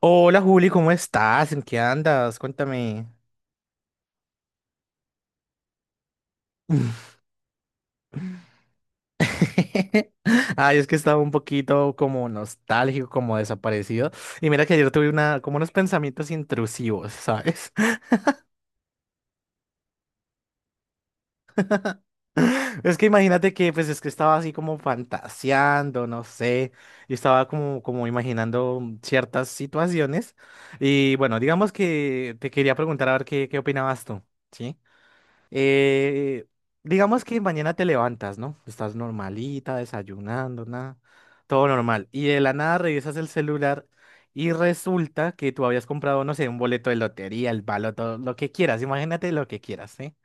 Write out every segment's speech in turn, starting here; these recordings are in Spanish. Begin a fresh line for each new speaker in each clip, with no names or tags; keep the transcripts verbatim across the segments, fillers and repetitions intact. Hola Juli, ¿cómo estás? ¿En qué andas? Cuéntame. Ay, es que estaba un poquito como nostálgico, como desaparecido. Y mira que ayer tuve una, como unos pensamientos intrusivos, ¿sabes? Es que imagínate que, pues es que estaba así como fantaseando, no sé, y estaba como, como imaginando mm, ciertas situaciones. Y bueno, digamos que te quería preguntar a ver qué, qué opinabas tú, ¿sí? Eh, digamos que mañana te levantas, ¿no? Estás normalita, desayunando, nada, todo normal. Y de la nada revisas el celular y resulta que tú habías comprado, no sé, un boleto de lotería, el baloto, lo que quieras, imagínate lo que quieras, ¿sí?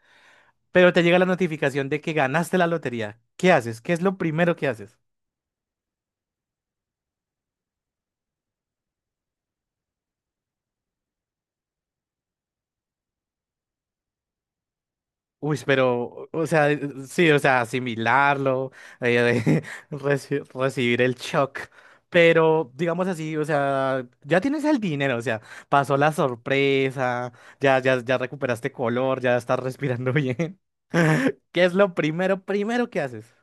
Pero te llega la notificación de que ganaste la lotería. ¿Qué haces? ¿Qué es lo primero que haces? Uy, pero, o sea, sí, o sea, asimilarlo, eh, de reci- recibir el shock. Pero, digamos así, o sea, ya tienes el dinero, o sea, pasó la sorpresa, ya, ya, ya recuperaste color, ya estás respirando bien. ¿Qué es lo primero, primero que haces?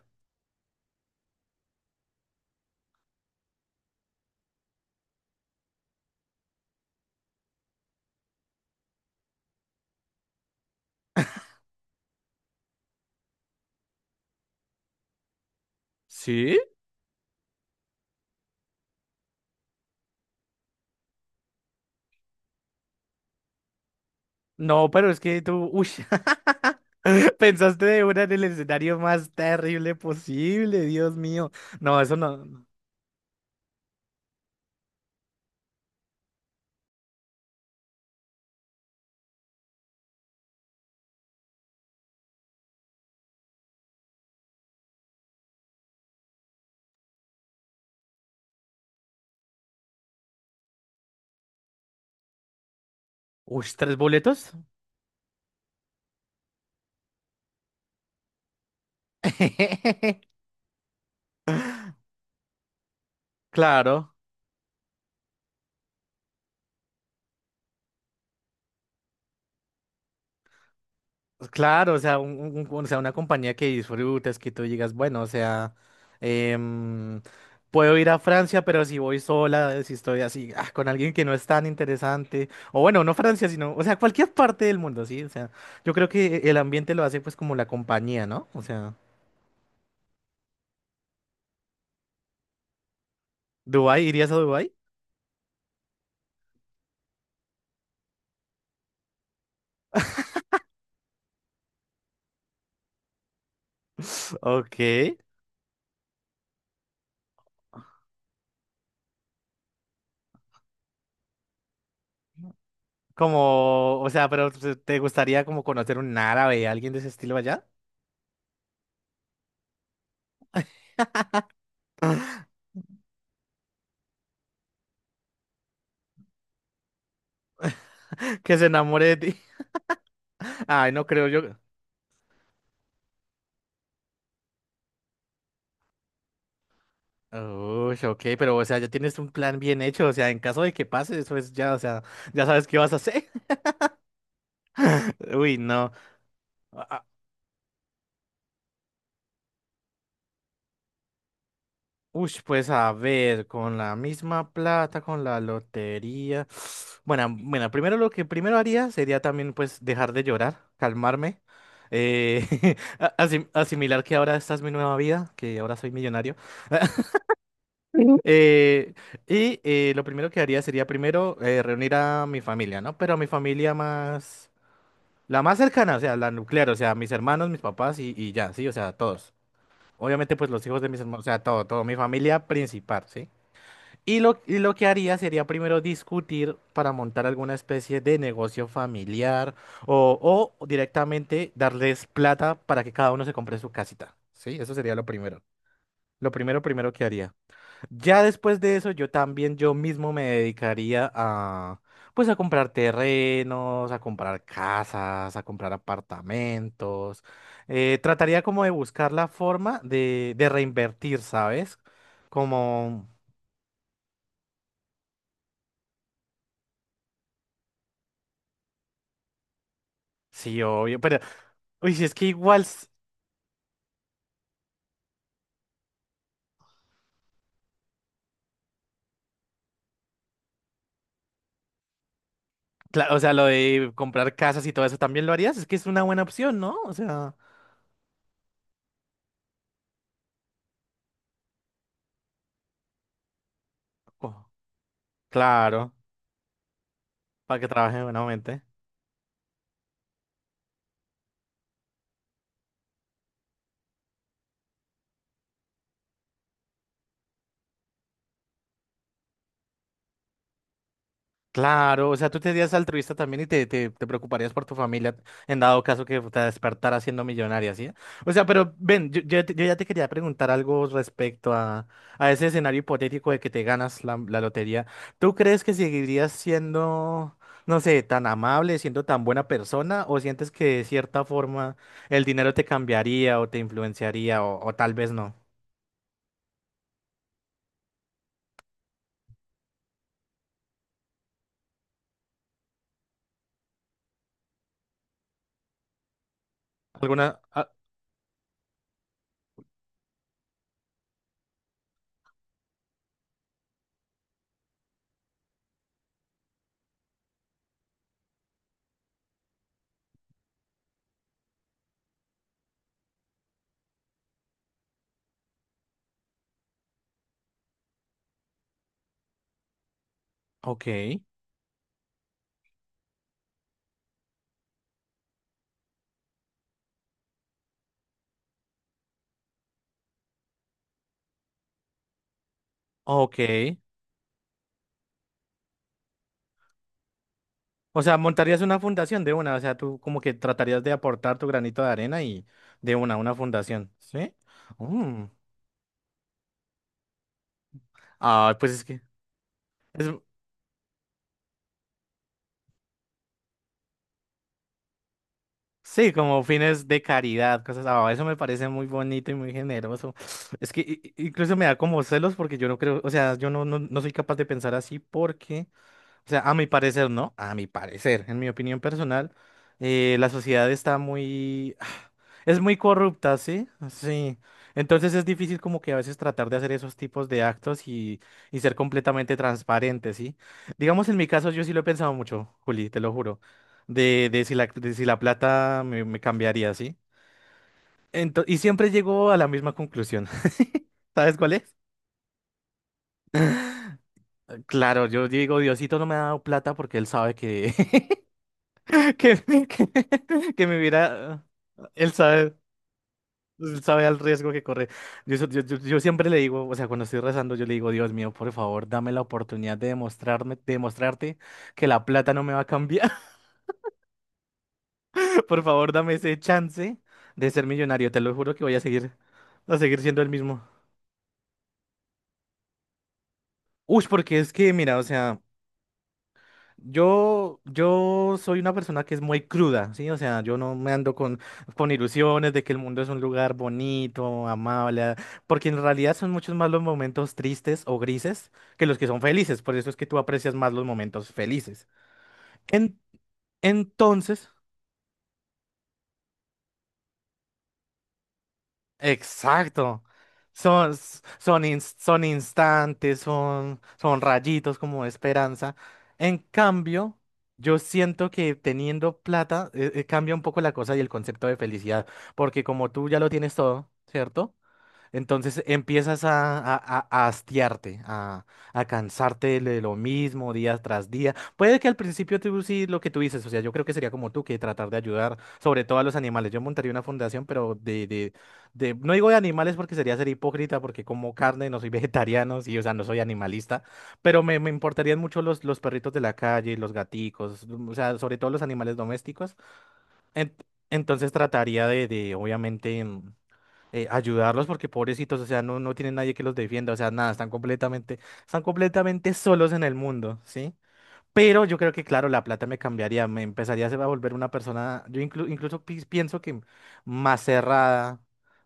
¿Sí? No, pero es que tú, uy, pensaste de una en el escenario más terrible posible, Dios mío. No, eso no. Uy, ¿tres boletos? Claro, claro, o sea, un- un- un- o sea, una compañía que disfrutes, que tú digas, bueno, o sea, em, puedo ir a Francia, pero si voy sola, si estoy así, ah, con alguien que no es tan interesante, o bueno, no Francia, sino, o sea, cualquier parte del mundo, sí, o sea, yo creo que el ambiente lo hace pues como la compañía, ¿no? O sea, ¿Dubái? ¿Irías a Dubái? Ok, como, o sea, pero pues, ¿te gustaría como conocer un árabe, alguien de ese estilo allá? Que se enamore de ti. Ay, no creo yo. Uy, ok, pero o sea, ya tienes un plan bien hecho, o sea, en caso de que pase, eso es ya, o sea, ya sabes qué vas a hacer. Uy, no. Ah, uy, pues a ver, con la misma plata, con la lotería. Bueno, bueno, primero lo que primero haría sería también pues dejar de llorar, calmarme, eh, a- asim- asimilar que ahora esta es mi nueva vida, que ahora soy millonario. Ujú. Eh, y eh, lo primero que haría sería primero eh, reunir a mi familia, ¿no? Pero a mi familia más... La más cercana, o sea, la nuclear, o sea, mis hermanos, mis papás y, y ya, sí, o sea, todos. Obviamente, pues los hijos de mis hermanos, o sea, todo, todo, mi familia principal, ¿sí? Y lo, y lo que haría sería primero discutir para montar alguna especie de negocio familiar o, o directamente darles plata para que cada uno se compre su casita, ¿sí? Eso sería lo primero. Lo primero, primero que haría. Ya después de eso, yo también yo mismo me dedicaría a, pues, a comprar terrenos, a comprar casas, a comprar apartamentos. Eh, trataría como de buscar la forma de, de reinvertir, ¿sabes? Como, sí, obvio, pero, uy, si es que igual, s- cla- o sea, lo de comprar casas y todo eso también lo harías, es que es una buena opción, ¿no? O sea, co- claro, para que trabaje buenamente. Claro, o sea, tú te serías altruista también y te, te, te preocuparías por tu familia en dado caso que te despertara siendo millonaria, ¿sí? O sea, pero ven, yo, yo te- yo ya te quería preguntar algo respecto a, a ese escenario hipotético de que te ganas la, la lotería. ¿Tú crees que seguirías siendo, no sé, tan amable, siendo tan buena persona, o sientes que de cierta forma el dinero te cambiaría o te influenciaría o, o tal vez no? ¿Alguna? Ah, ok, ok. O sea, montarías una fundación de una, o sea, tú como que tratarías de aportar tu granito de arena y de una, una fundación, ¿sí? Mm. Ah, pues es que, es- sí, como fines de caridad, cosas, ah, eso me parece muy bonito y muy generoso. Es que i- i- incluso me da como celos porque yo no creo, o sea, yo no, no, no soy capaz de pensar así porque o sea, a mi parecer, ¿no? A mi parecer, en mi opinión personal, eh, la sociedad está muy... Es muy corrupta, ¿sí? Sí. Entonces es difícil como que a veces tratar de hacer esos tipos de actos y, y ser completamente transparente, ¿sí? Digamos, en mi caso yo sí lo he pensado mucho, Juli, te lo juro, de, de si la, de si la plata me, me cambiaría, ¿sí? Ento- y siempre llego a la misma conclusión. ¿Sabes cuál es? Claro, yo digo, Diosito no me ha dado plata porque él sabe que que, que, que me viera, él sabe, él sabe al riesgo que corre. Yo, so- yo, yo, yo siempre le digo, o sea, cuando estoy rezando, yo le digo, Dios mío, por favor, dame la oportunidad de demostrarme, demostrarte que la plata no me va a cambiar. Por favor, dame ese chance de ser millonario. Te lo juro que voy a seguir, a seguir siendo el mismo. Uy, porque es que, mira, o sea. Yo, yo soy una persona que es muy cruda, ¿sí? O sea, yo no me ando con, con ilusiones de que el mundo es un lugar bonito, amable, a- porque en realidad son muchos más los momentos tristes o grises que los que son felices, por eso es que tú aprecias más los momentos felices. En- entonces, exacto. Son, s- son, ins- son instantes, son, son rayitos como de esperanza. En cambio, yo siento que teniendo plata eh, eh, cambia un poco la cosa y el concepto de felicidad, porque como tú ya lo tienes todo, ¿cierto? Entonces empiezas a, a, a- a hastiarte, a, a cansarte de lo mismo día tras día. Puede que al principio tú sí lo que tú dices, o sea, yo creo que sería como tú, que tratar de ayudar sobre todo a los animales. Yo montaría una fundación, pero de, de, de- no digo de animales porque sería ser hipócrita, porque como carne, no soy vegetariano, sí, o sea, no soy animalista, pero me, me importarían mucho los, los perritos de la calle, los gaticos, o sea, sobre todo los animales domésticos. En- entonces trataría de, de obviamente. mm, eh, ayudarlos porque pobrecitos, o sea, no, no tienen nadie que los defienda, o sea, nada, están completamente, están completamente solos en el mundo, ¿sí? Pero yo creo que, claro, la plata me cambiaría, me empezaría a hacer- a volver una persona, yo inclu- incluso pi- pienso que más cerrada,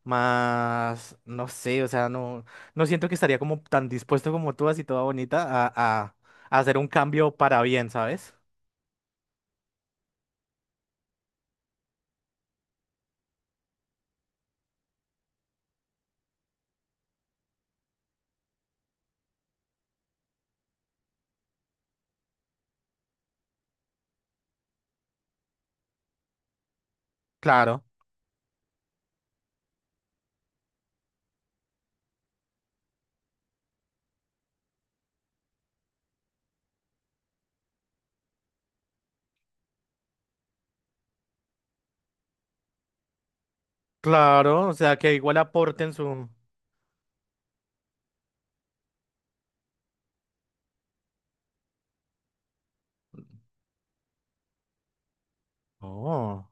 más, no sé, o sea, no, no siento que estaría como tan dispuesto como tú, así toda bonita, a, a a hacer un cambio para bien, ¿sabes? Claro, claro, o sea, que igual aporten su... Oh.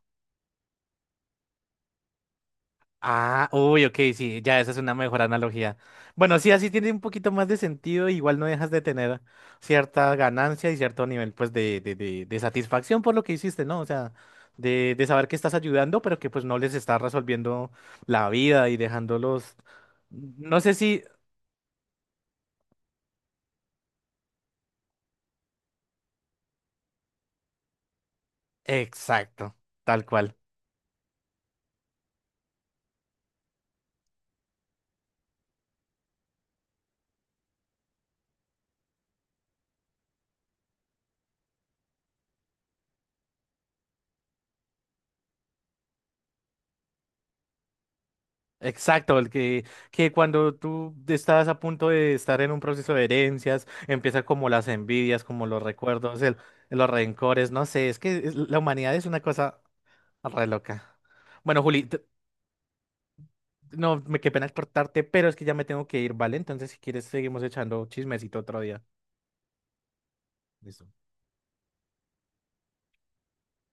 Ah, uy, ok, sí, ya esa es una mejor analogía. Bueno, sí, así tiene un poquito más de sentido, igual no dejas de tener cierta ganancia y cierto nivel, pues, de, de, de, de satisfacción por lo que hiciste, ¿no? O sea, de, de saber que estás ayudando, pero que pues no les estás resolviendo la vida y dejándolos, no sé si, exacto, tal cual. Exacto, el que, que cuando tú estás a punto de estar en un proceso de herencias, empiezan como las envidias, como los recuerdos, el, los rencores, no sé, es que es- la humanidad es una cosa re loca. Bueno, Juli, te- no, me qué pena cortarte, pero es que ya me tengo que ir, ¿vale? Entonces, si quieres, seguimos echando chismecito otro día. Listo.